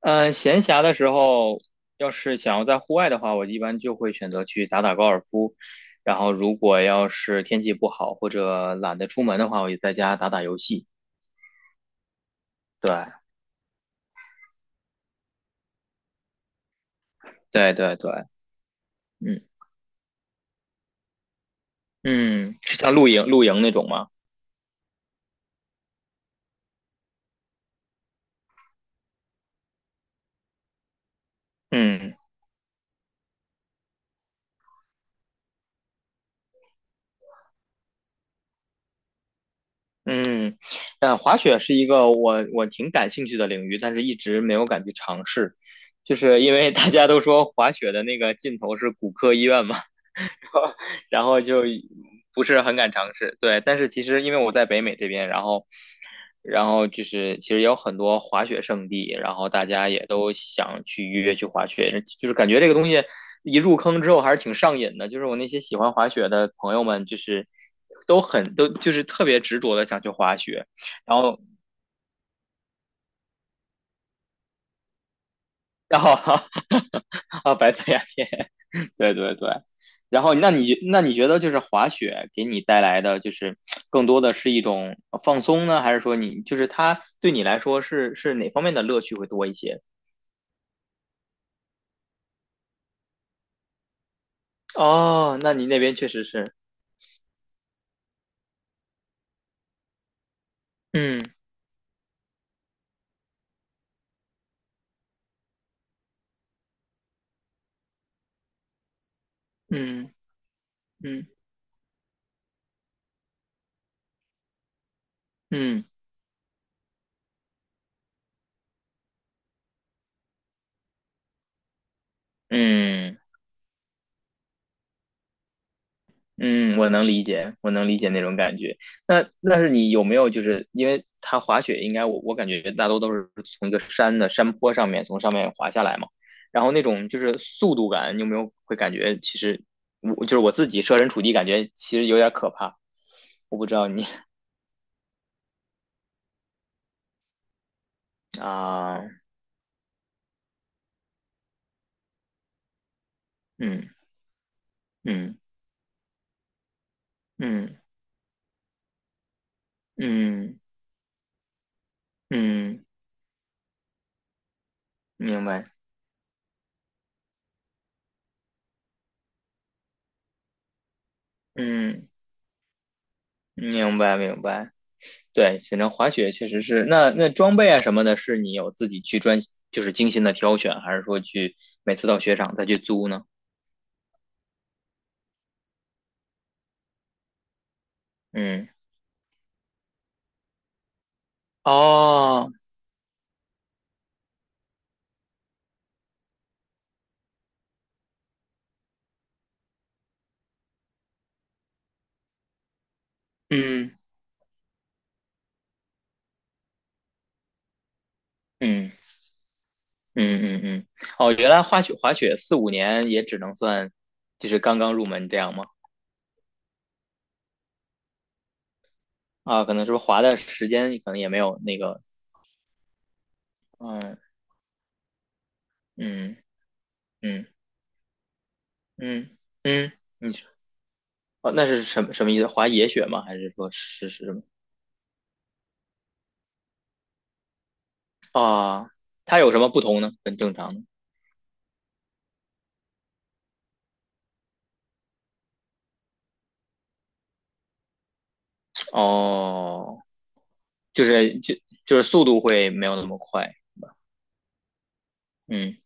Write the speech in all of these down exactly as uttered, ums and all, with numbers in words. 嗯，闲暇的时候，要是想要在户外的话，我一般就会选择去打打高尔夫。然后，如果要是天气不好或者懒得出门的话，我就在家打打游戏。对，对，对，对，嗯嗯，是像露营露营那种吗？嗯嗯，呃，滑雪是一个我我挺感兴趣的领域，但是一直没有敢去尝试，就是因为大家都说滑雪的那个尽头是骨科医院嘛。然后就不是很敢尝试。对，但是其实因为我在北美这边，然后然后就是其实也有很多滑雪圣地，然后大家也都想去约去滑雪，就是感觉这个东西一入坑之后还是挺上瘾的。就是我那些喜欢滑雪的朋友们，就是都很都就是特别执着的想去滑雪，然后。然后 啊，白色鸦片，对对对。然后，那你那你觉得就是滑雪给你带来的，就是更多的是一种放松呢，还是说你就是它对你来说是是哪方面的乐趣会多一些？哦，那你那边确实是，嗯嗯嗯嗯嗯。嗯嗯，我能理解，我能理解那种感觉。那那是你有没有就是因为它滑雪，应该我我感觉大多都是从一个山的山坡上面从上面滑下来嘛，然后那种就是速度感，你有没有会感觉其实我就是我自己设身处地感觉其实有点可怕。我不知道你啊，嗯嗯嗯嗯嗯嗯，明白，嗯明白明白。对，雪择滑雪确实是。那那装备啊什么的，是你有自己去专，就是精心的挑选，还是说去每次到雪场再去租呢？嗯，哦，嗯嗯嗯嗯嗯，哦，原来滑雪滑雪四五年也只能算，就是刚刚入门这样吗？啊，可能是不是滑的时间可能也没有那个，嗯嗯嗯嗯嗯，你说，哦，那是什么什么意思？滑野雪吗？还是说是是什么？啊，它有什么不同呢？跟正常的？哦，就是就就是速度会没有那么快，嗯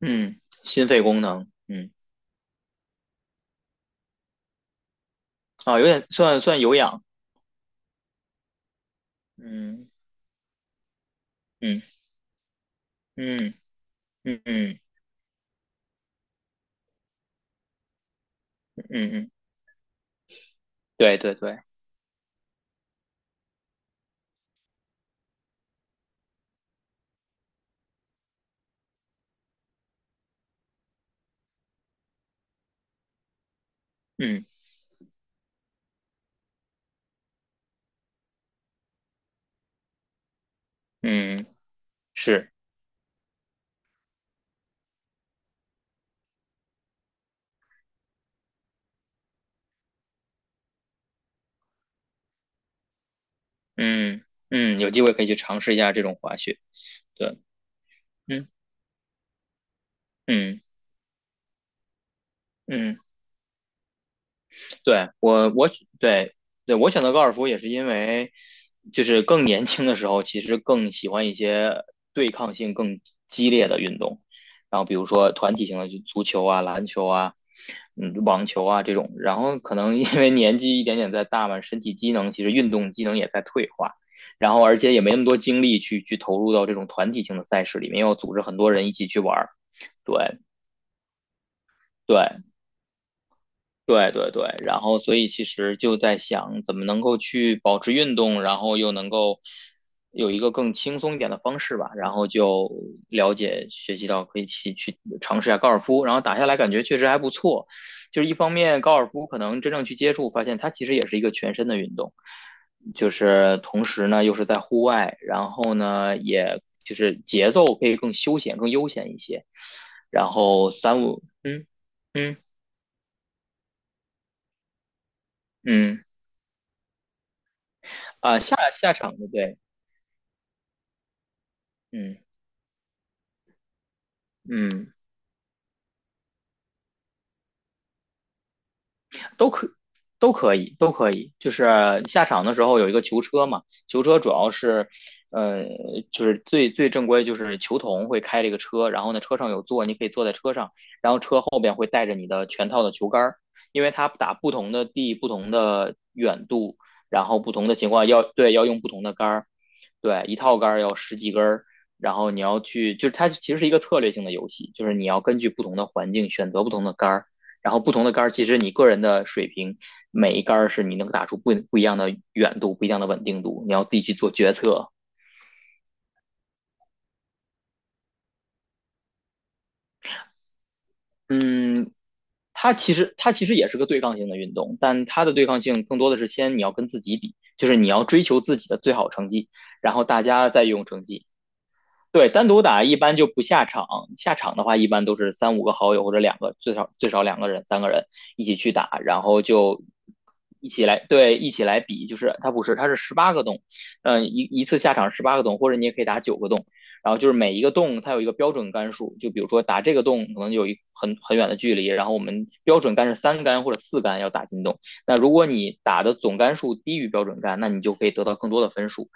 嗯，心肺功能，嗯啊，有点算算有氧，嗯嗯嗯嗯嗯嗯嗯，对对对，嗯嗯是，嗯嗯，有机会可以去尝试一下这种滑雪，对，嗯嗯嗯。对我我对对我选择高尔夫也是因为，就是更年轻的时候，其实更喜欢一些对抗性更激烈的运动，然后比如说团体性的就足球啊、篮球啊、嗯网球啊这种，然后可能因为年纪一点点在大嘛，身体机能其实运动机能也在退化，然后而且也没那么多精力去去投入到这种团体性的赛事里面，要组织很多人一起去玩儿，对对，对对对，然后所以其实就在想怎么能够去保持运动，然后又能够有一个更轻松一点的方式吧，然后就了解学习到可以去去尝试一下高尔夫，然后打下来感觉确实还不错。就是一方面高尔夫可能真正去接触，发现它其实也是一个全身的运动，就是同时呢又是在户外，然后呢也就是节奏可以更休闲、更悠闲一些，然后三五嗯嗯嗯。啊，下下场的对，嗯嗯，都可都可以，都可以。就是下场的时候有一个球车嘛，球车主要是，呃，就是最最正规就是球童会开这个车，然后呢车上有座，你可以坐在车上，然后车后边会带着你的全套的球杆儿，因为它打不同的地、不同的远度，然后不同的情况要对要用不同的杆儿，对，一套杆儿要十几根儿。然后你要去，就是它其实是一个策略性的游戏，就是你要根据不同的环境选择不同的杆儿，然后不同的杆儿，其实你个人的水平，每一杆儿是你能打出不不一样的远度，不一样的稳定度，你要自己去做决策。嗯，它其实它其实也是个对抗性的运动，但它的对抗性更多的是先你要跟自己比，就是你要追求自己的最好成绩，然后大家再用成绩。对，单独打一般就不下场，下场的话一般都是三五个好友或者两个，最少最少两个人、三个人一起去打，然后就一起来，对，一起来比，就是它不是，它是十八个洞，嗯、呃一一次下场十八个洞，或者你也可以打九个洞，然后就是每一个洞它有一个标准杆数，就比如说打这个洞可能有一很很远的距离，然后我们标准杆是三杆或者四杆要打进洞，那如果你打的总杆数低于标准杆，那你就可以得到更多的分数，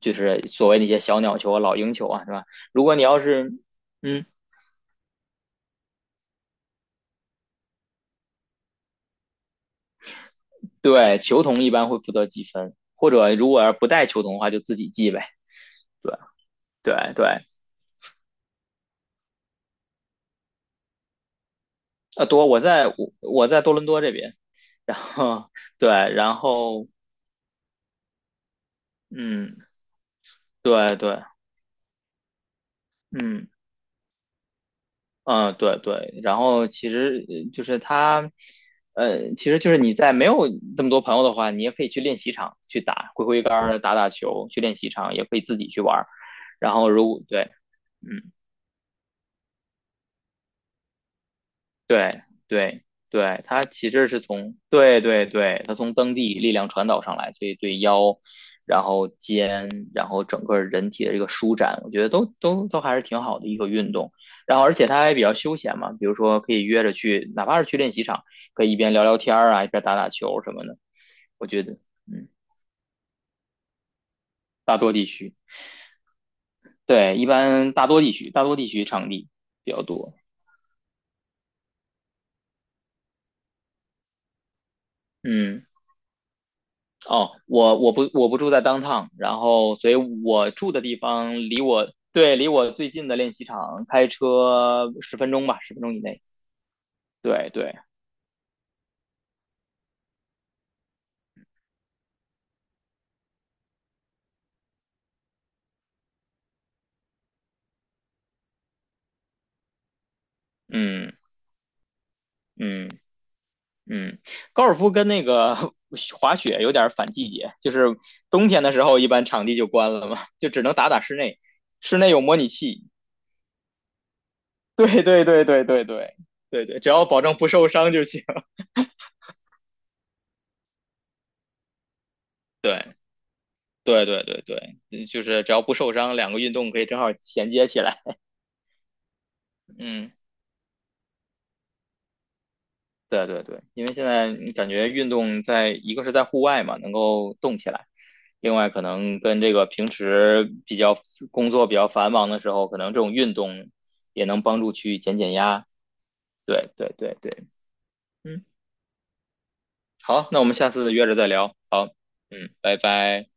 就是所谓那些小鸟球啊、老鹰球啊，是吧？如果你要是，嗯，对，球童一般会负责记分，或者如果要是不带球童的话，就自己记呗。对对对，呃，多我在我我在多伦多这边，然后对，然后嗯，对对，嗯嗯对对，然后其实呃就是他。呃，其实就是你在没有这么多朋友的话，你也可以去练习场去打，挥挥杆儿、打打球，去练习场也可以自己去玩儿。然后如果对嗯，对对对，它其实是从对对对，它从蹬地力量传导上来，所以对腰，然后肩，然后整个人体的这个舒展，我觉得都都都还是挺好的一个运动。然后而且它还比较休闲嘛，比如说可以约着去，哪怕是去练习场，可以一边聊聊天儿啊，一边打打球什么的。我觉得，嗯，大多地区，对，一般大多地区，大多地区场地比较多。嗯。哦，我我不我不住在 downtown，然后所以我住的地方离我对离我最近的练习场开车十分钟吧，十分钟以内。对对，嗯嗯嗯，高尔夫跟那个 滑雪有点反季节，就是冬天的时候一般场地就关了嘛，就只能打打室内，室内有模拟器。对对对对对对对对，只要保证不受伤就行。对对对对对，嗯就是只要不受伤，两个运动可以正好衔接起来。嗯。对对对，因为现在你感觉运动在一个是在户外嘛，能够动起来，另外可能跟这个平时比较工作比较繁忙的时候，可能这种运动也能帮助去减减压。对对对对，嗯，好，那我们下次约着再聊。好，嗯，拜拜。